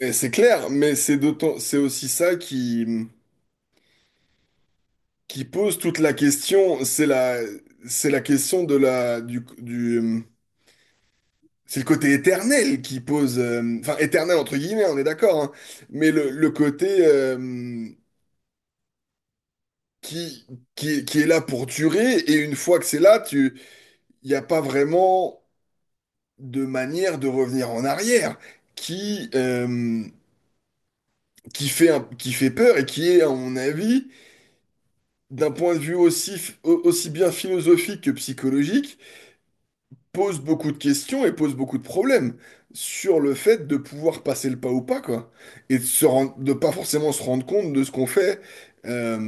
Et c'est clair, mais c'est d'autant, c'est aussi ça qui pose toute la question. C'est la question de la, du, c'est le côté éternel qui pose, enfin éternel entre guillemets, on est d'accord, hein, mais le côté qui, qui est là pour durer. Et une fois que c'est là, il n'y a pas vraiment de manière de revenir en arrière qui, euh, qui fait peur et qui est, à mon avis, d'un point de vue aussi bien philosophique que psychologique, pose beaucoup de questions et pose beaucoup de problèmes sur le fait de pouvoir passer le pas ou pas, quoi. Et de pas forcément se rendre compte de ce qu'on fait euh,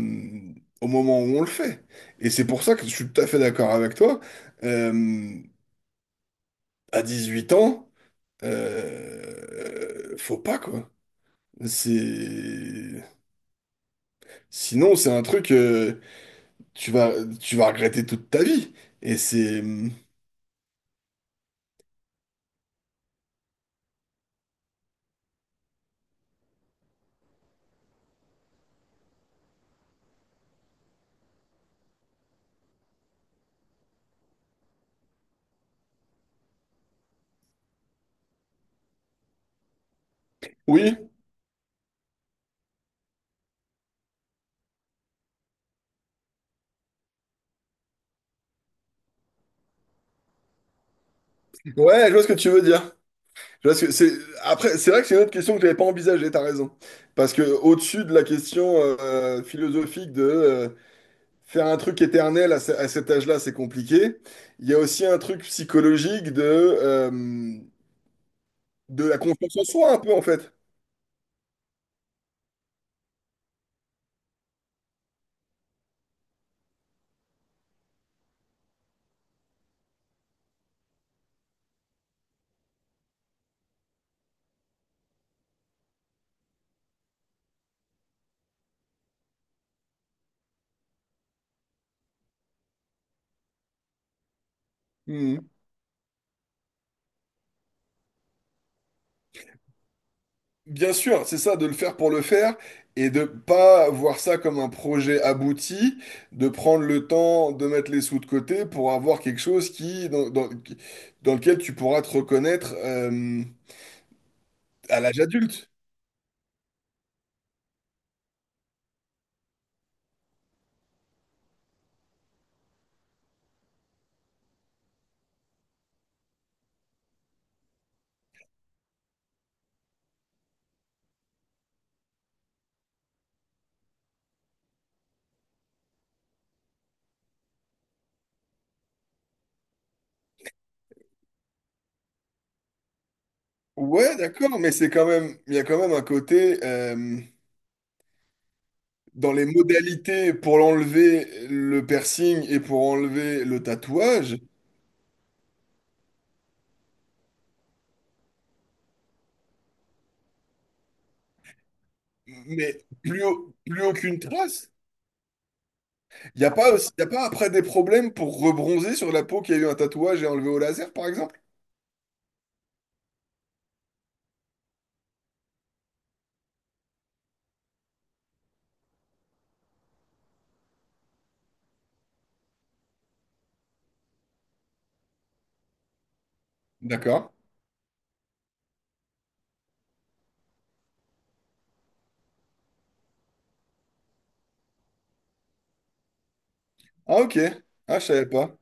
au moment où on le fait. Et c'est pour ça que je suis tout à fait d'accord avec toi. Euh, à 8 ans, faut pas, quoi. C'est... Sinon, c'est un truc, tu vas, tu vas regretter toute ta vie. Et c'est... Oui, ouais, je vois ce que tu veux dire. Je vois ce que c'est. Après, c'est vrai que c'est une autre question que j'avais pas envisagée, t'as raison. Parce que au-dessus de la question philosophique de faire un truc éternel à cet âge-là, c'est compliqué. Il y a aussi un truc psychologique de la confiance en soi, un peu, en fait. Hmm. Bien sûr, c'est ça, de le faire pour le faire et de pas voir ça comme un projet abouti, de prendre le temps de mettre les sous de côté pour avoir quelque chose qui, dans, dans- qui- dans lequel tu pourras te reconnaître à l'âge adulte. Ouais, d'accord, mais c'est quand même, il y a quand même un côté dans les modalités pour l'enlever le piercing et pour enlever le tatouage, mais plus aucune trace. Il n'y a pas aussi, y a pas après des problèmes pour rebronzer sur la peau qui a eu un tatouage et enlevé au laser, par exemple? D'accord. Ah, ok. Ah, je savais pas.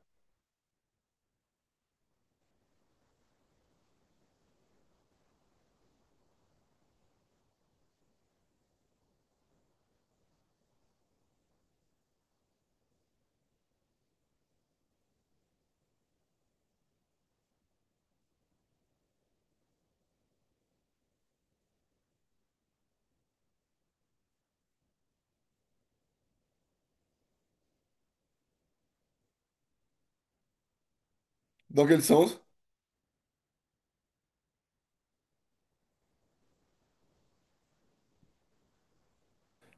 Dans quel sens?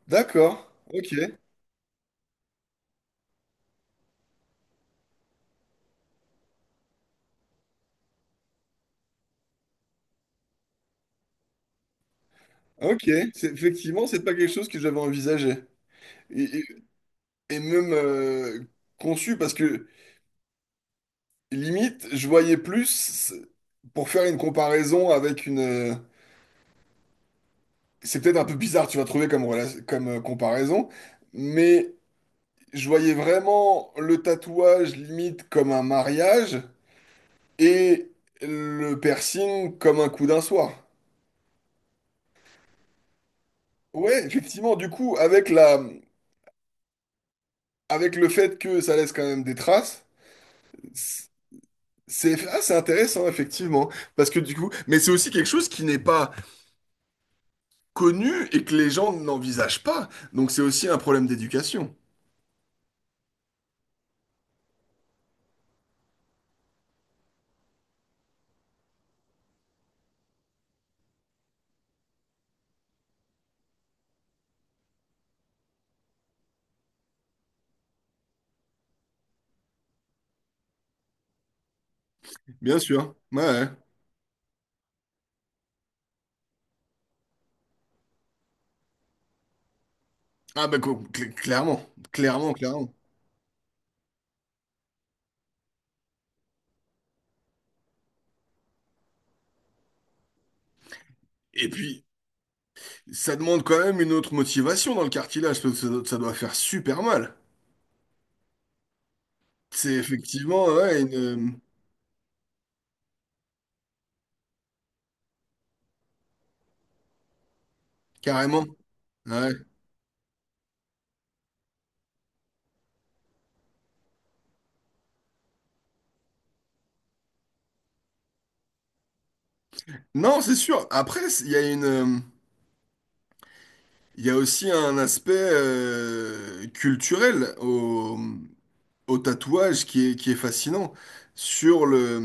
D'accord. Ok. Ok. Effectivement, c'est pas quelque chose que j'avais envisagé. Et, et- et même conçu, parce que limite, je voyais plus, pour faire une comparaison avec une, c'est peut-être un peu bizarre, tu vas trouver comme comparaison, mais je voyais vraiment le tatouage limite comme un mariage et le piercing comme un coup d'un soir. Ouais, effectivement, du coup, avec le fait que ça laisse quand même des traces, c'est intéressant, effectivement. Parce que du coup, mais c'est aussi quelque chose qui n'est pas connu et que les gens n'envisagent pas. Donc c'est aussi un problème d'éducation. Bien sûr. Ouais. Ouais. Ah bah clairement, clairement, clairement. Et puis, ça demande quand même une autre motivation dans le cartilage, parce que ça doit faire super mal. C'est effectivement, ouais, carrément. Ouais. Non, c'est sûr. Après, il y a il y a aussi un aspect culturel au tatouage qui est, fascinant. Sur le,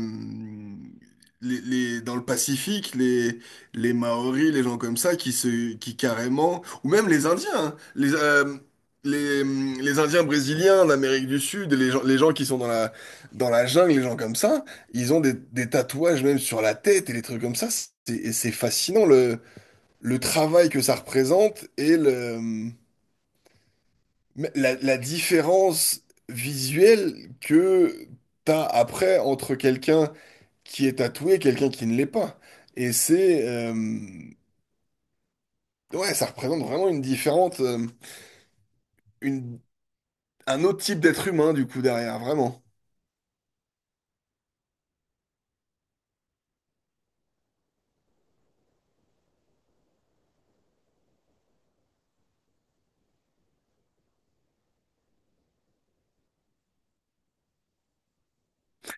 les- dans le Pacifique, les Maoris, les gens comme ça, qui carrément, ou même les Indiens, hein, les, les Indiens brésiliens d'Amérique du Sud, les gens qui sont dans la jungle, les gens comme ça, ils ont des tatouages même sur la tête et des trucs comme ça. Et c'est fascinant le travail que ça représente mais la différence visuelle que t'as après entre quelqu'un qui est tatoué et quelqu'un qui ne l'est pas. Et c'est... euh, ouais, ça représente vraiment une, un autre type d'être humain, du coup, derrière, vraiment.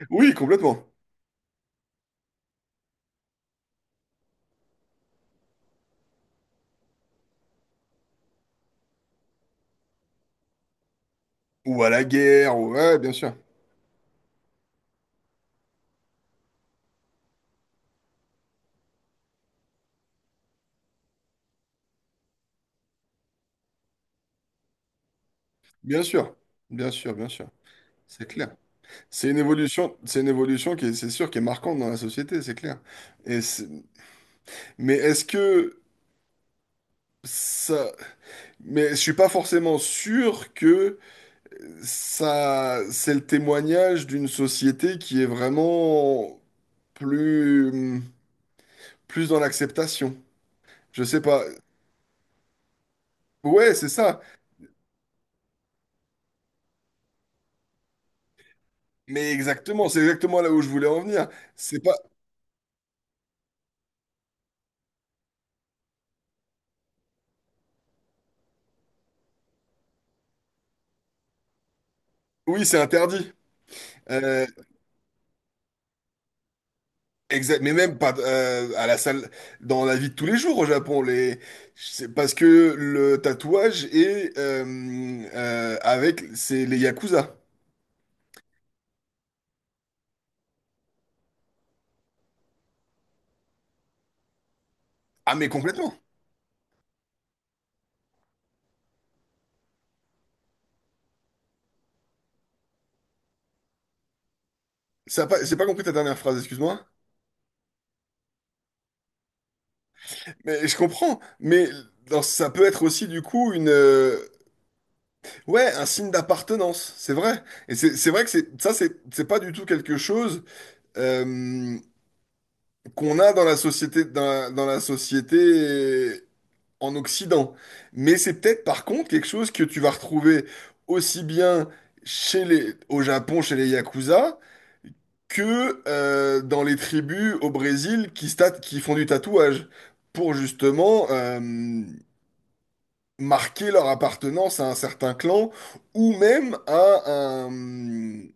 Oui, complètement. Ou à la guerre. Ouais, bien sûr. Bien sûr. Bien sûr, bien sûr. C'est clair. C'est une évolution qui est, c'est sûr, qui est marquante dans la société, c'est clair. Et c'est- mais est-ce que ça... Mais je suis pas forcément sûr que ça, c'est le témoignage d'une société qui est vraiment plus, plus dans l'acceptation. Je sais pas. Ouais, c'est ça. Mais exactement, c'est exactement là où je voulais en venir. C'est pas. Oui, c'est interdit. Euh, exact. Mais même pas à la salle, dans la vie de tous les jours au Japon, les. C'est parce que le tatouage est avec, c'est les yakuza. Ah mais complètement. Ça a pas- j'ai pas compris ta dernière phrase, excuse-moi. Mais je comprends, mais ça peut être aussi du coup ouais, un signe d'appartenance, c'est vrai. Et c'est vrai que c'est ça, c'est pas du tout quelque chose euh, qu'on a dans la société, dans la société en Occident. Mais c'est peut-être par contre quelque chose que tu vas retrouver aussi bien au Japon, chez les Yakuza, que dans les tribus au Brésil qui font du tatouage, pour justement marquer leur appartenance à un certain clan ou même à un,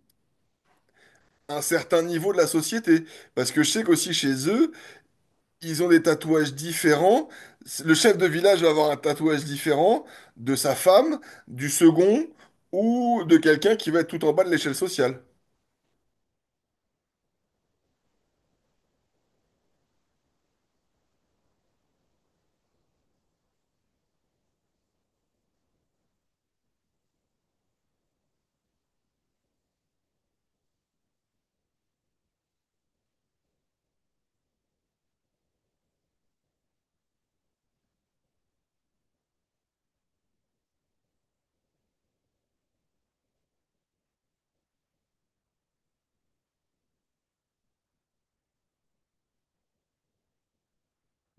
un certain niveau de la société. Parce que je sais qu'aussi chez eux, ils ont des tatouages différents. Le chef de village va avoir un tatouage différent de sa femme, du second ou de quelqu'un qui va être tout en bas de l'échelle sociale.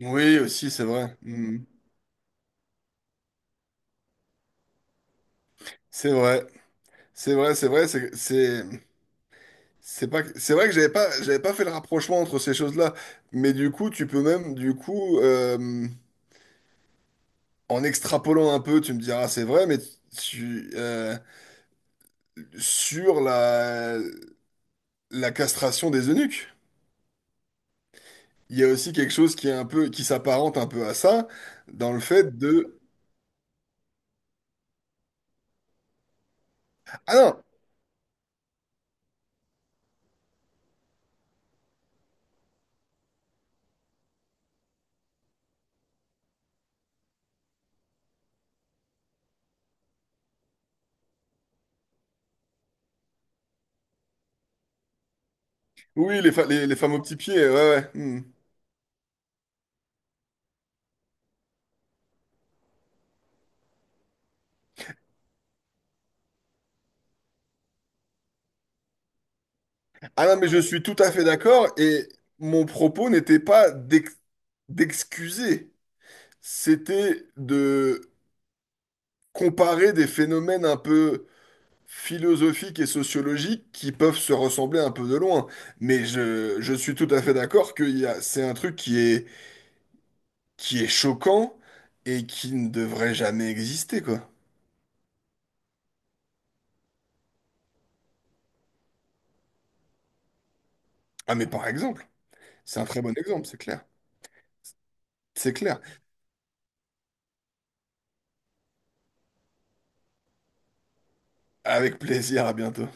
Oui, aussi, c'est vrai. Mm. C'est vrai. C'est vrai, c'est vrai. C'est pas, c'est vrai que j'avais pas fait le rapprochement entre ces choses-là. Mais du coup, tu peux même, du coup, en extrapolant un peu, tu me diras, c'est vrai, mais tu, euh, sur la castration des eunuques. Il y a aussi quelque chose qui est un peu, qui s'apparente un peu à ça, dans le fait de... Ah non! Oui, les femmes aux petits pieds, ouais, ouais. Hmm. Ah non, mais je suis tout à fait d'accord, et mon propos n'était pas d'excuser, c'était de comparer des phénomènes un peu philosophiques et sociologiques qui peuvent se ressembler un peu de loin. Mais je suis tout à fait d'accord que c'est un truc qui est, choquant et qui ne devrait jamais exister, quoi. Ah mais par exemple, c'est un très bon exemple, c'est clair. C'est clair. Avec plaisir, à bientôt.